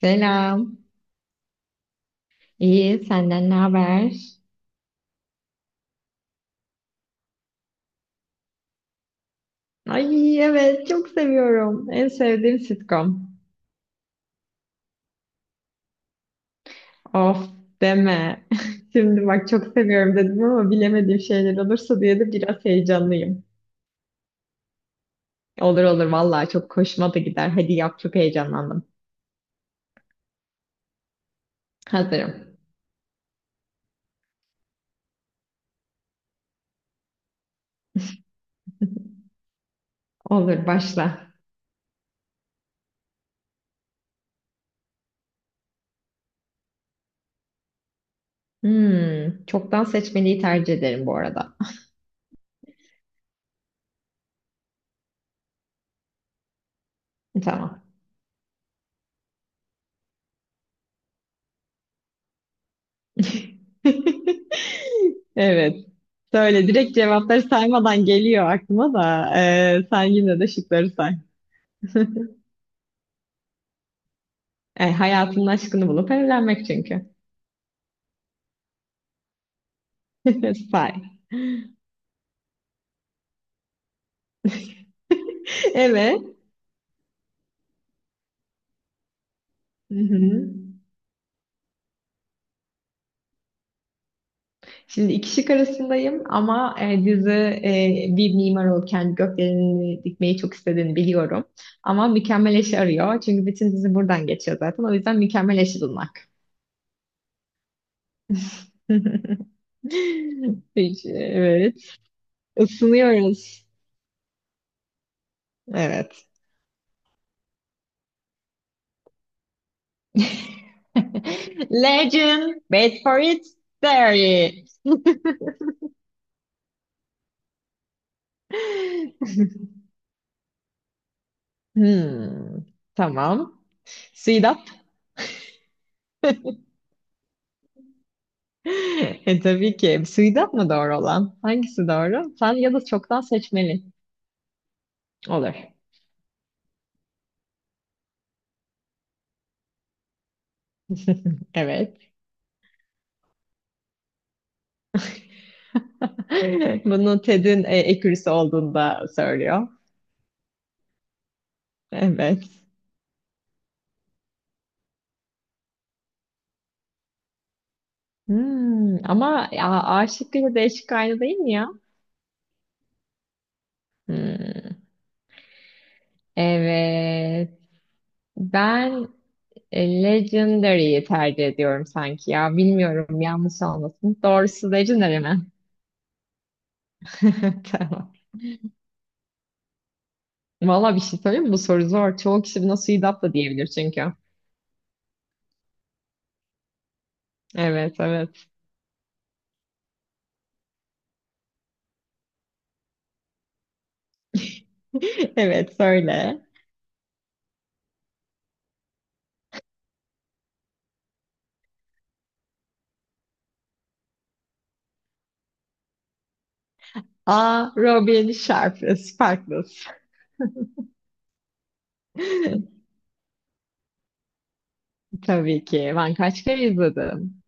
Selam. İyi, senden ne haber? Ay evet, çok seviyorum. En sevdiğim sitcom. Of deme. Şimdi bak çok seviyorum dedim ama bilemediğim şeyler olursa diye de biraz heyecanlıyım. Olur olur vallahi çok hoşuma da gider. Hadi yap çok heyecanlandım. Hazırım. Olur başla. Hmm, çoktan seçmeliyi tercih ederim bu arada. Tamam. Evet. Söyle direkt cevapları saymadan geliyor aklıma da sen yine de şıkları say. Hayatının aşkını bulup evlenmek çünkü. Say. Evet. Hı hı. Şimdi iki şık arasındayım ama dizi bir mimar olup kendi gökdeleni dikmeyi çok istediğini biliyorum. Ama mükemmel eşi arıyor. Çünkü bütün dizi buradan geçiyor zaten. O yüzden mükemmel eşi bulmak. Peki, evet. Isınıyoruz. Evet. Legend, wait for it, there it. Hmm, tamam. Suidap. Tabii ki. Suidap mı doğru olan? Hangisi doğru? Sen ya da çoktan seçmeli. Olur. Evet. Bunu Ted'in ekürüsü olduğunda söylüyor. Evet. Hmm, ama ya, A şıkkıyla D şıkkı aynı değil mi ya? Hmm, evet. Ben Legendary'yi tercih ediyorum sanki ya. Bilmiyorum yanlış olmasın. Doğrusu Legendary mi? Tamam. Valla bir şey söyleyeyim mi? Bu soru zor. Çoğu kişi buna Suidat da diyebilir çünkü. Evet evet. Evet söyle. A. Robin Sharp. Sparkles. Tabii ki. Ben kaç kere izledim.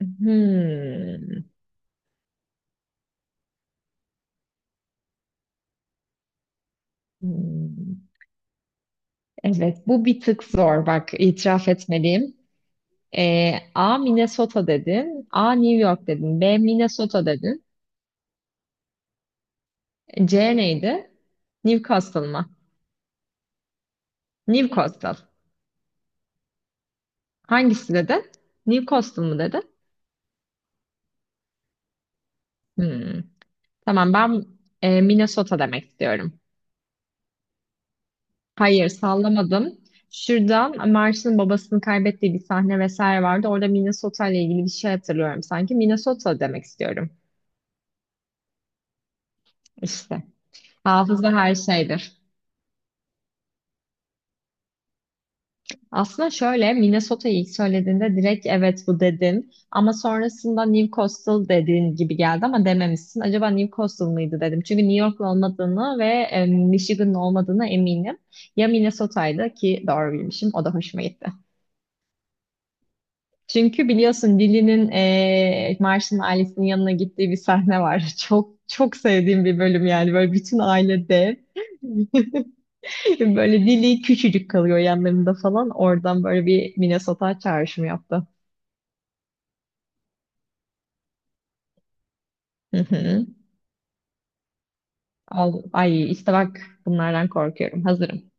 Hmm. Hmm. Evet bu bir tık zor. Bak itiraf etmeliyim. A. Minnesota dedin. A. New York dedin. B. Minnesota dedin. C neydi? Newcastle mı? Newcastle. Hangisi dedin? Newcastle mı dedin? Hmm. Tamam ben Minnesota demek istiyorum. Hayır sallamadım. Şuradan Marsh'ın babasını kaybettiği bir sahne vesaire vardı. Orada Minnesota ile ilgili bir şey hatırlıyorum sanki. Minnesota demek istiyorum. İşte. Hafıza her şeydir. Aslında şöyle Minnesota'yı ilk söylediğinde direkt evet bu dedim, ama sonrasında New Coastal dediğin gibi geldi ama dememişsin. Acaba New Coastal mıydı dedim. Çünkü New York'lu olmadığını ve Michigan'lı olmadığına eminim. Ya Minnesota'ydı ki doğru bilmişim o da hoşuma gitti. Çünkü biliyorsun Lily'nin Marsh'ın ailesinin yanına gittiği bir sahne var. Çok çok sevdiğim bir bölüm yani böyle bütün aile dev. Böyle dili küçücük kalıyor yanlarında falan. Oradan böyle bir Minnesota çağrışımı yaptı. Hı hı. Al, ay işte bak bunlardan korkuyorum. Hazırım.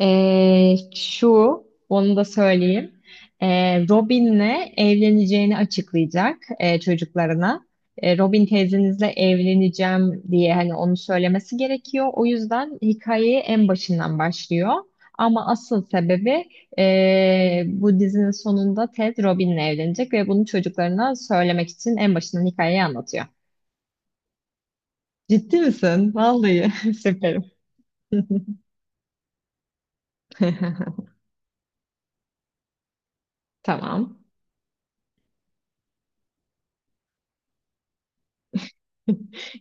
Ee, şu, Onu da söyleyeyim. Robin'le evleneceğini açıklayacak çocuklarına. Robin teyzenizle evleneceğim diye hani onu söylemesi gerekiyor. O yüzden hikayeyi en başından başlıyor. Ama asıl sebebi bu dizinin sonunda Ted Robin'le evlenecek ve bunu çocuklarına söylemek için en başından hikayeyi anlatıyor. Ciddi misin? Vallahi süperim. Tamam.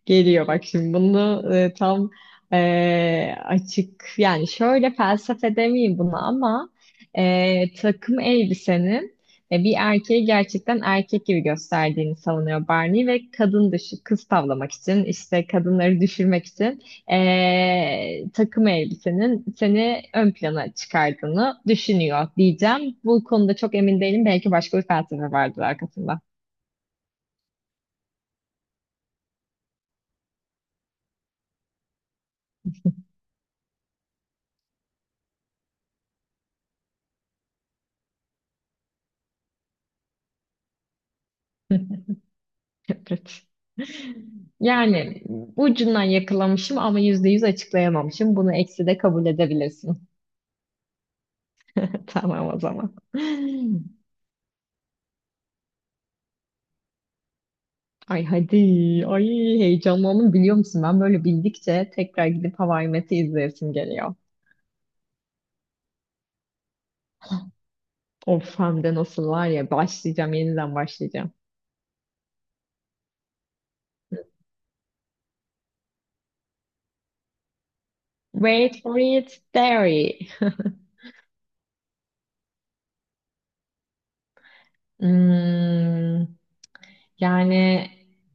Geliyor bak şimdi bunu tam açık yani şöyle felsefe demeyeyim buna ama takım elbisenin bir erkeği gerçekten erkek gibi gösterdiğini savunuyor Barney ve kadın dışı kız tavlamak için işte kadınları düşürmek için takım elbisenin seni ön plana çıkardığını düşünüyor diyeceğim. Bu konuda çok emin değilim belki başka bir felsefe vardır arkasında. Evet. Yani ucundan yakalamışım ama yüzde yüz açıklayamamışım. Bunu eksi de kabul edebilirsin. Tamam o zaman. Ay hadi. Ay heyecanlandım biliyor musun? Ben böyle bildikçe tekrar gidip Hava I Met'i izleyesim geliyor. Of hem de nasıl var ya başlayacağım yeniden başlayacağım. Wait for it, there. Hmm, yani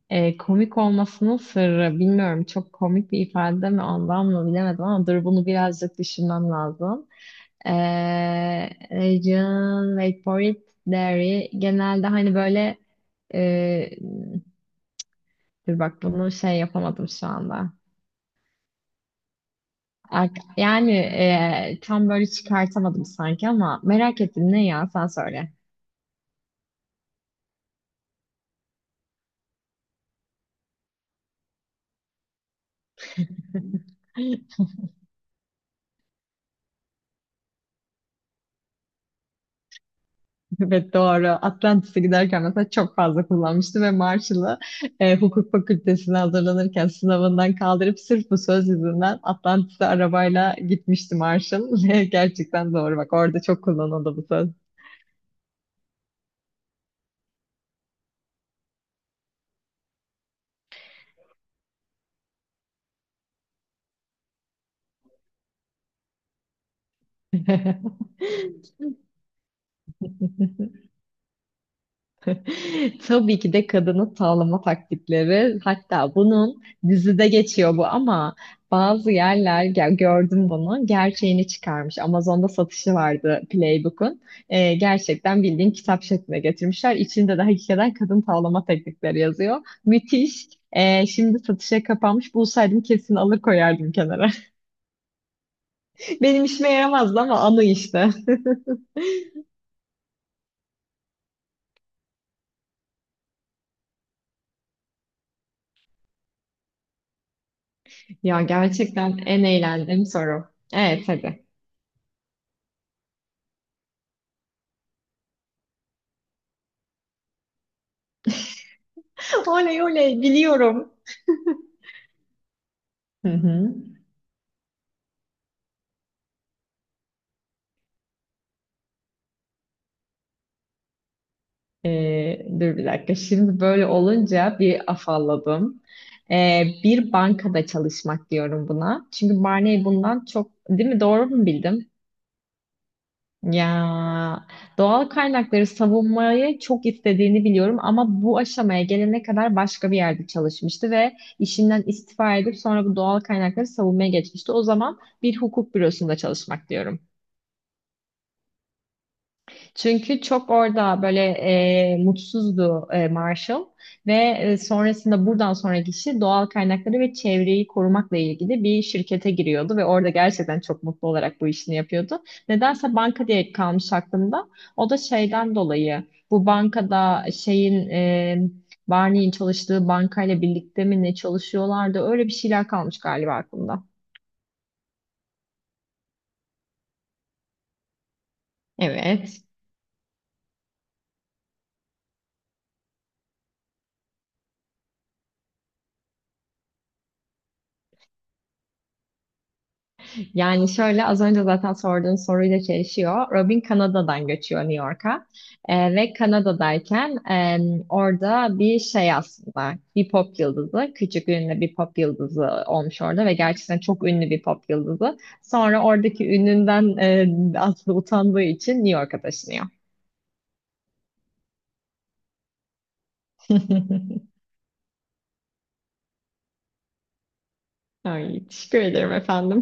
komik olmasının sırrı bilmiyorum çok komik bir ifade mi ondan mı bilemedim ama dur bunu birazcık düşünmem lazım. Region, wait for it, dairy genelde hani böyle e, dur bak bunu şey yapamadım şu anda. Ar- Yani tam böyle çıkartamadım sanki ama merak ettim ne ya sen söyle. Evet doğru. Atlantis'e giderken mesela çok fazla kullanmıştım ve Marshall'ı hukuk fakültesine hazırlanırken sınavından kaldırıp sırf bu söz yüzünden Atlantis'e arabayla gitmişti Marshall. Ve gerçekten doğru bak orada çok kullanıldı bu söz. Tabii ki de kadını tavlama taktikleri. Hatta bunun dizide geçiyor bu ama bazı yerler gördüm bunu gerçeğini çıkarmış. Amazon'da satışı vardı Playbook'un. Gerçekten bildiğin kitap şekline getirmişler. İçinde de hakikaten kadın tavlama teknikleri yazıyor. Müthiş. Şimdi satışa kapanmış. Bulsaydım kesin alır koyardım kenara. Benim işime yaramazdı ama anı işte. Ya gerçekten en eğlendiğim soru. Evet hadi. Oley oley biliyorum. Hı hı. Dur bir dakika. Şimdi böyle olunca bir afalladım. Bir bankada çalışmak diyorum buna. Çünkü Barney bundan çok, değil mi? Doğru mu bildim? Ya doğal kaynakları savunmayı çok istediğini biliyorum ama bu aşamaya gelene kadar başka bir yerde çalışmıştı ve işinden istifa edip sonra bu doğal kaynakları savunmaya geçmişti. O zaman bir hukuk bürosunda çalışmak diyorum. Çünkü çok orada böyle mutsuzdu Marshall ve sonrasında buradan sonraki işi doğal kaynakları ve çevreyi korumakla ilgili bir şirkete giriyordu ve orada gerçekten çok mutlu olarak bu işini yapıyordu. Nedense banka diye kalmış aklımda. O da şeyden dolayı bu bankada şeyin Barney'in çalıştığı bankayla birlikte mi ne çalışıyorlardı öyle bir şeyler kalmış galiba aklımda. Evet. Yani şöyle az önce zaten sorduğun soruyla çelişiyor. Robin Kanada'dan göçüyor New York'a. Ve Kanada'dayken orada bir şey aslında bir pop yıldızı. Küçük ünlü bir pop yıldızı olmuş orada ve gerçekten çok ünlü bir pop yıldızı. Sonra oradaki ününden aslında utandığı için New York'a taşınıyor. Ay, teşekkür ederim efendim.